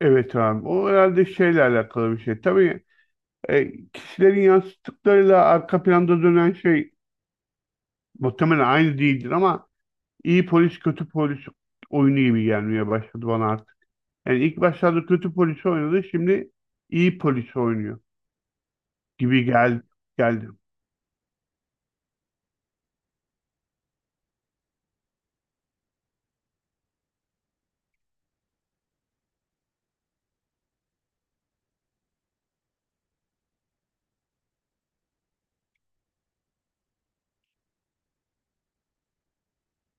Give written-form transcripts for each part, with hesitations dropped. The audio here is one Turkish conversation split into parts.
Evet abi. O herhalde şeyle alakalı bir şey. Tabii kişilerin yansıttıklarıyla arka planda dönen şey muhtemelen aynı değildir ama iyi polis kötü polis oyunu gibi gelmeye başladı bana artık. Yani ilk başlarda kötü polis oynadı, şimdi iyi polis oynuyor gibi geldi.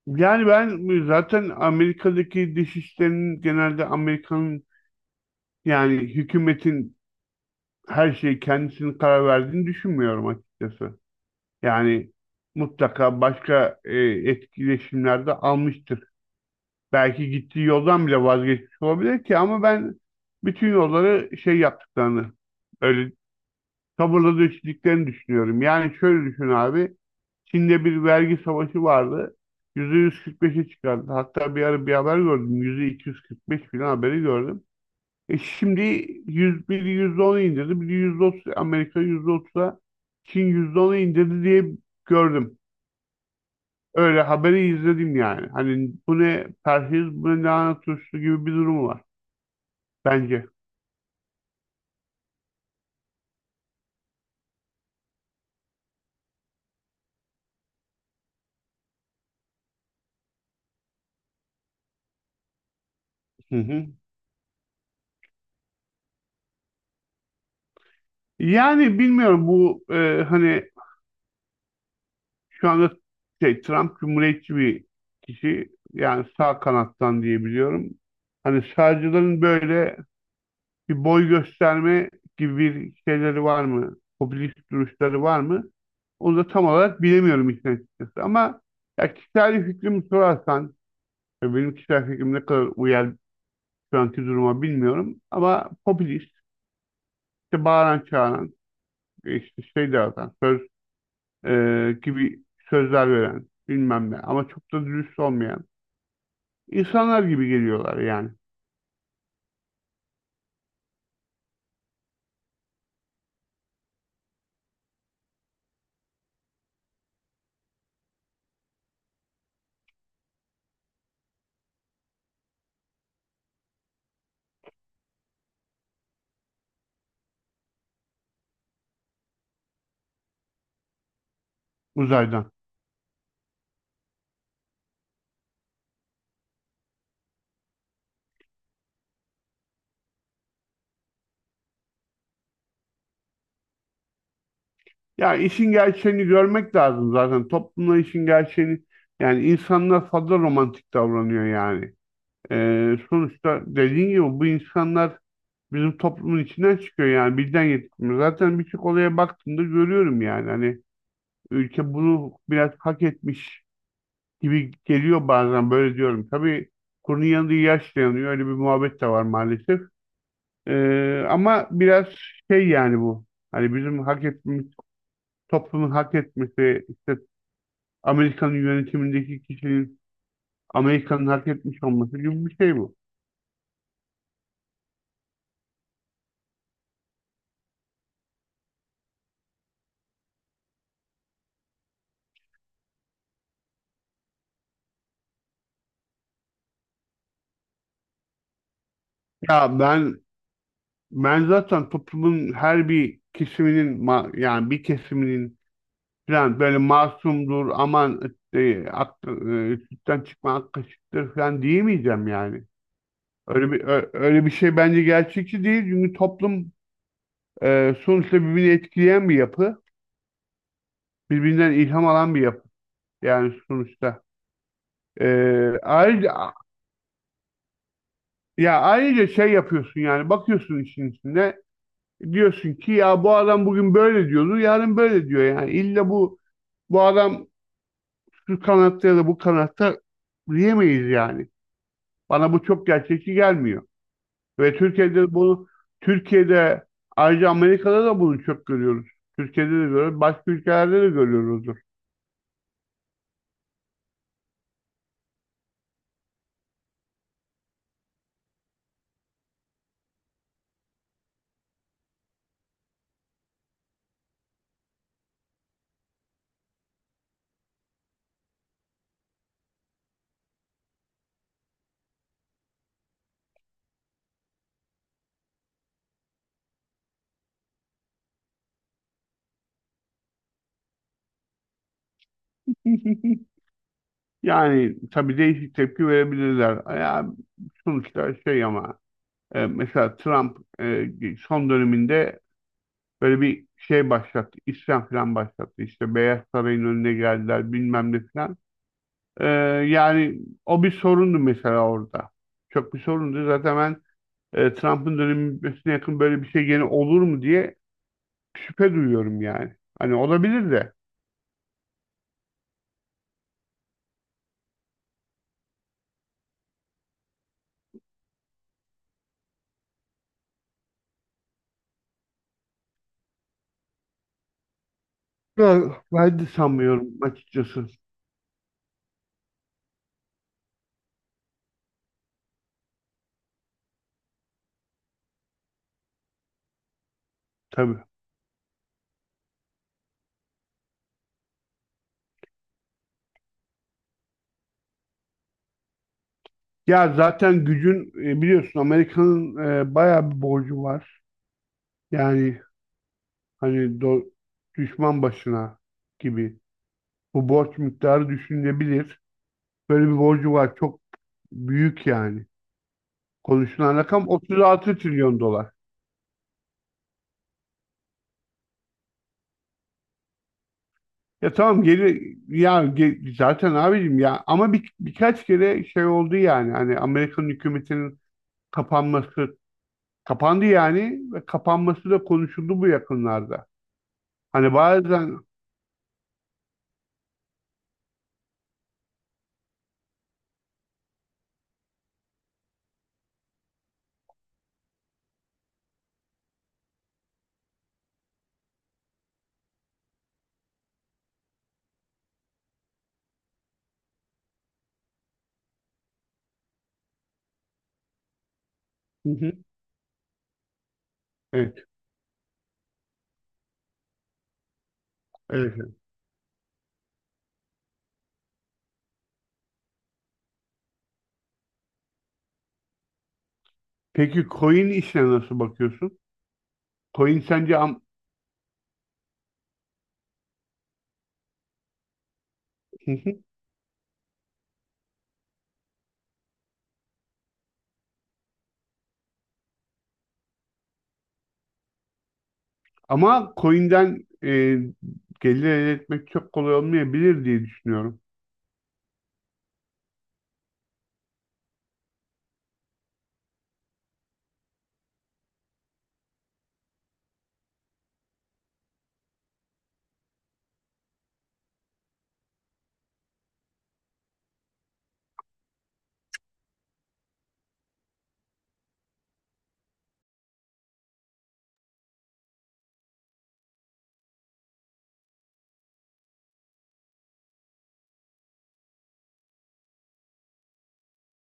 Yani ben zaten Amerika'daki dış işlerinin genelde Amerika'nın yani hükümetin her şeyi kendisinin karar verdiğini düşünmüyorum açıkçası. Yani mutlaka başka etkileşimlerde almıştır. Belki gittiği yoldan bile vazgeçmiş olabilir ki ama ben bütün yolları şey yaptıklarını, öyle sabırla döşediklerini düşünüyorum. Yani şöyle düşün abi, Çin'de bir vergi savaşı vardı. %145'e çıkardı. Hatta bir ara bir haber gördüm. %245 falan haberi gördüm. E şimdi 101 %10'a indirdi. Bir %30, Amerika %30'a, Çin %10'a indirdi diye gördüm. Öyle haberi izledim yani. Hani bu ne perhiz, bu ne lahana turşusu gibi bir durum var bence. Hı hı. Yani bilmiyorum bu hani şu anda şey Trump cumhuriyetçi bir kişi, yani sağ kanattan diye biliyorum. Hani sağcıların böyle bir boy gösterme gibi bir şeyleri var mı? Popülist duruşları var mı? Onu da tam olarak bilemiyorum işin açıkçası. Ama ya kişisel fikrimi sorarsan, ya benim kişisel fikrim ne kadar uyar şu anki duruma bilmiyorum ama popülist, işte bağıran çağıran, işte şey dağıtan, söz gibi sözler veren bilmem ne ama çok da dürüst olmayan insanlar gibi geliyorlar yani, uzaydan. Ya işin gerçeğini görmek lazım zaten, toplumda işin gerçeğini, yani insanlar fazla romantik davranıyor yani. Sonuçta dediğin gibi bu insanlar bizim toplumun içinden çıkıyor, yani birden yetişmiyor. Zaten birçok olaya baktığımda görüyorum yani, hani ülke bunu biraz hak etmiş gibi geliyor bazen, böyle diyorum. Tabii kurunun yanında yaş dayanıyor. Öyle bir muhabbet de var maalesef. Ama biraz şey yani bu. Hani bizim hak etmemiz, toplumun hak etmesi, işte Amerika'nın yönetimindeki kişinin Amerika'nın hak etmiş olması gibi bir şey bu. Ya ben zaten toplumun her bir kesiminin yani bir kesiminin falan böyle masumdur, aman sütten çıkma ak kaşıktır falan diyemeyeceğim yani. Öyle bir öyle bir şey bence gerçekçi değil, çünkü toplum sonuçta birbirini etkileyen bir yapı, birbirinden ilham alan bir yapı yani sonuçta. E, Ayrıca, ya ayrıca şey yapıyorsun yani, bakıyorsun işin içinde, diyorsun ki ya bu adam bugün böyle diyordu yarın böyle diyor, yani illa bu adam şu kanatta ya da bu kanatta diyemeyiz yani. Bana bu çok gerçekçi gelmiyor. Ve Türkiye'de bunu, Türkiye'de, ayrıca Amerika'da da bunu çok görüyoruz. Türkiye'de de görüyoruz. Başka ülkelerde de görüyoruzdur. Yani tabii değişik tepki verebilirler. Ya, sonuçta şey ama mesela Trump son döneminde böyle bir şey başlattı. İsyan falan başlattı. İşte Beyaz Saray'ın önüne geldiler bilmem ne falan. E, Yani o bir sorundu mesela orada. Çok bir sorundu. Zaten ben Trump'ın dönemi bitmesine yakın böyle bir şey gene olur mu diye şüphe duyuyorum yani. Hani olabilir de. Ya, ben de sanmıyorum açıkçası, tabii. Ya zaten gücün biliyorsun, Amerika'nın bayağı bir borcu var. Yani hani düşman başına gibi. Bu borç miktarı düşünülebilir. Böyle bir borcu var. Çok büyük yani. Konuşulan rakam 36 trilyon dolar. Ya tamam geri, ya zaten abicim ya, ama birkaç kere şey oldu yani, hani Amerikan hükümetinin kapanması kapandı yani, ve kapanması da konuşuldu bu yakınlarda. Hani bazen. Hı hı. Evet, evet. Peki coin işine nasıl bakıyorsun? Coin sence. Hı hı. Ama coin'den gelir elde etmek çok kolay olmayabilir diye düşünüyorum.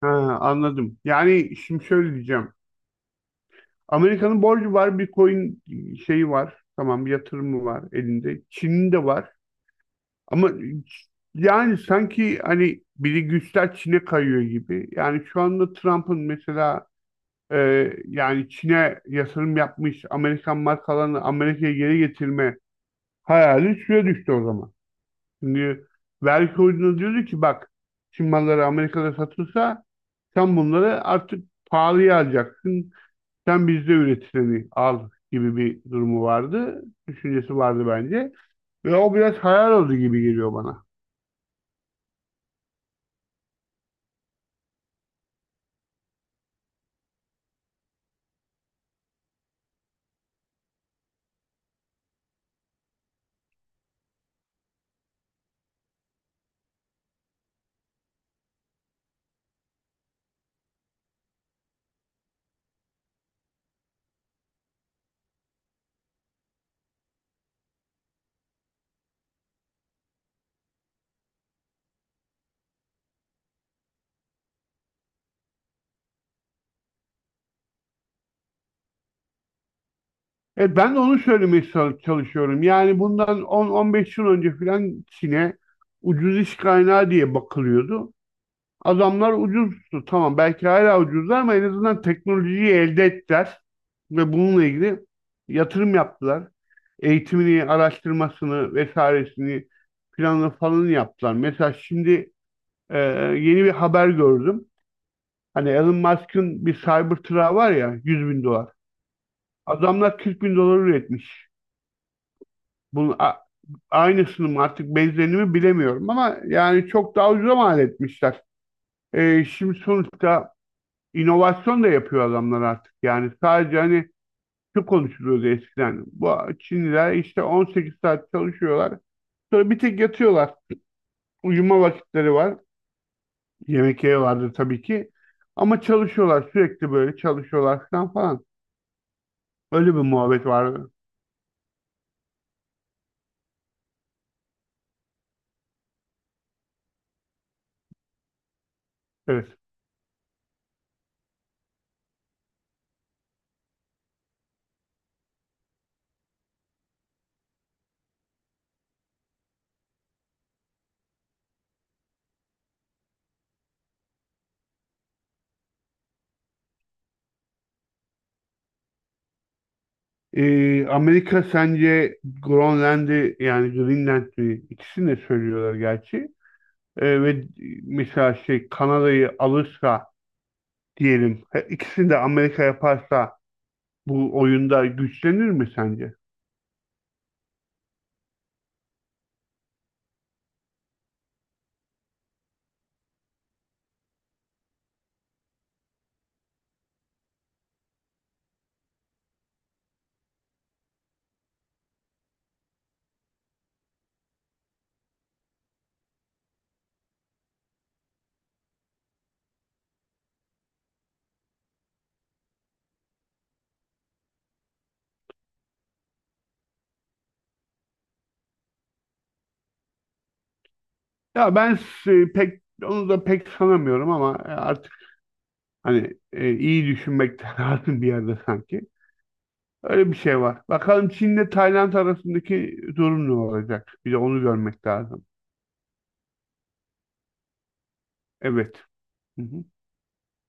Ha, anladım. Yani şimdi şöyle diyeceğim. Amerika'nın borcu var, Bitcoin şeyi var. Tamam, yatırımı var elinde. Çin'in de var. Ama yani sanki hani biri güçler Çin'e kayıyor gibi. Yani şu anda Trump'ın mesela e, yani Çin'e yatırım yapmış Amerikan markalarını Amerika'ya geri getirme hayali suya düştü o zaman. Çünkü vergi koyduğunda diyordu ki, bak, Çin malları Amerika'da satılsa sen bunları artık pahalıya alacaksın. Sen bizde üretileni al gibi bir durumu vardı. Düşüncesi vardı bence. Ve o biraz hayal oldu gibi geliyor bana. Evet, ben de onu söylemeye çalışıyorum. Yani bundan 10-15 yıl önce filan Çin'e ucuz iş kaynağı diye bakılıyordu. Adamlar ucuzdu. Tamam, belki hala ucuzlar ama en azından teknolojiyi elde ettiler. Ve bununla ilgili yatırım yaptılar. Eğitimini, araştırmasını, vesairesini, planını falan yaptılar. Mesela şimdi Ee, yeni bir haber gördüm. Hani Elon Musk'ın bir Cybertruck'ı var ya, 100 bin dolar. Adamlar 40 bin dolar üretmiş. Bunun aynısını mı artık benzerini mi bilemiyorum ama yani çok daha ucuza mal etmişler. Şimdi sonuçta inovasyon da yapıyor adamlar artık. Yani sadece hani şu konuşuluyordu eskiden: bu Çinliler işte 18 saat çalışıyorlar. Sonra bir tek yatıyorlar. Uyuma vakitleri var. Yemek yeri vardı tabii ki. Ama çalışıyorlar, sürekli böyle çalışıyorlar falan falan. Öyle bir muhabbet vardı. Evet. Amerika sence Grönland'i, yani Greenland'i, ikisini de söylüyorlar gerçi. Ve mesela şey, Kanada'yı alırsa diyelim, ikisini de Amerika yaparsa bu oyunda güçlenir mi sence? Ya ben pek onu da pek sanamıyorum ama artık hani iyi düşünmek lazım bir yerde sanki. Öyle bir şey var. Bakalım Çin'le Tayland arasındaki durum ne olacak? Bir de onu görmek lazım. Evet. Hı hı.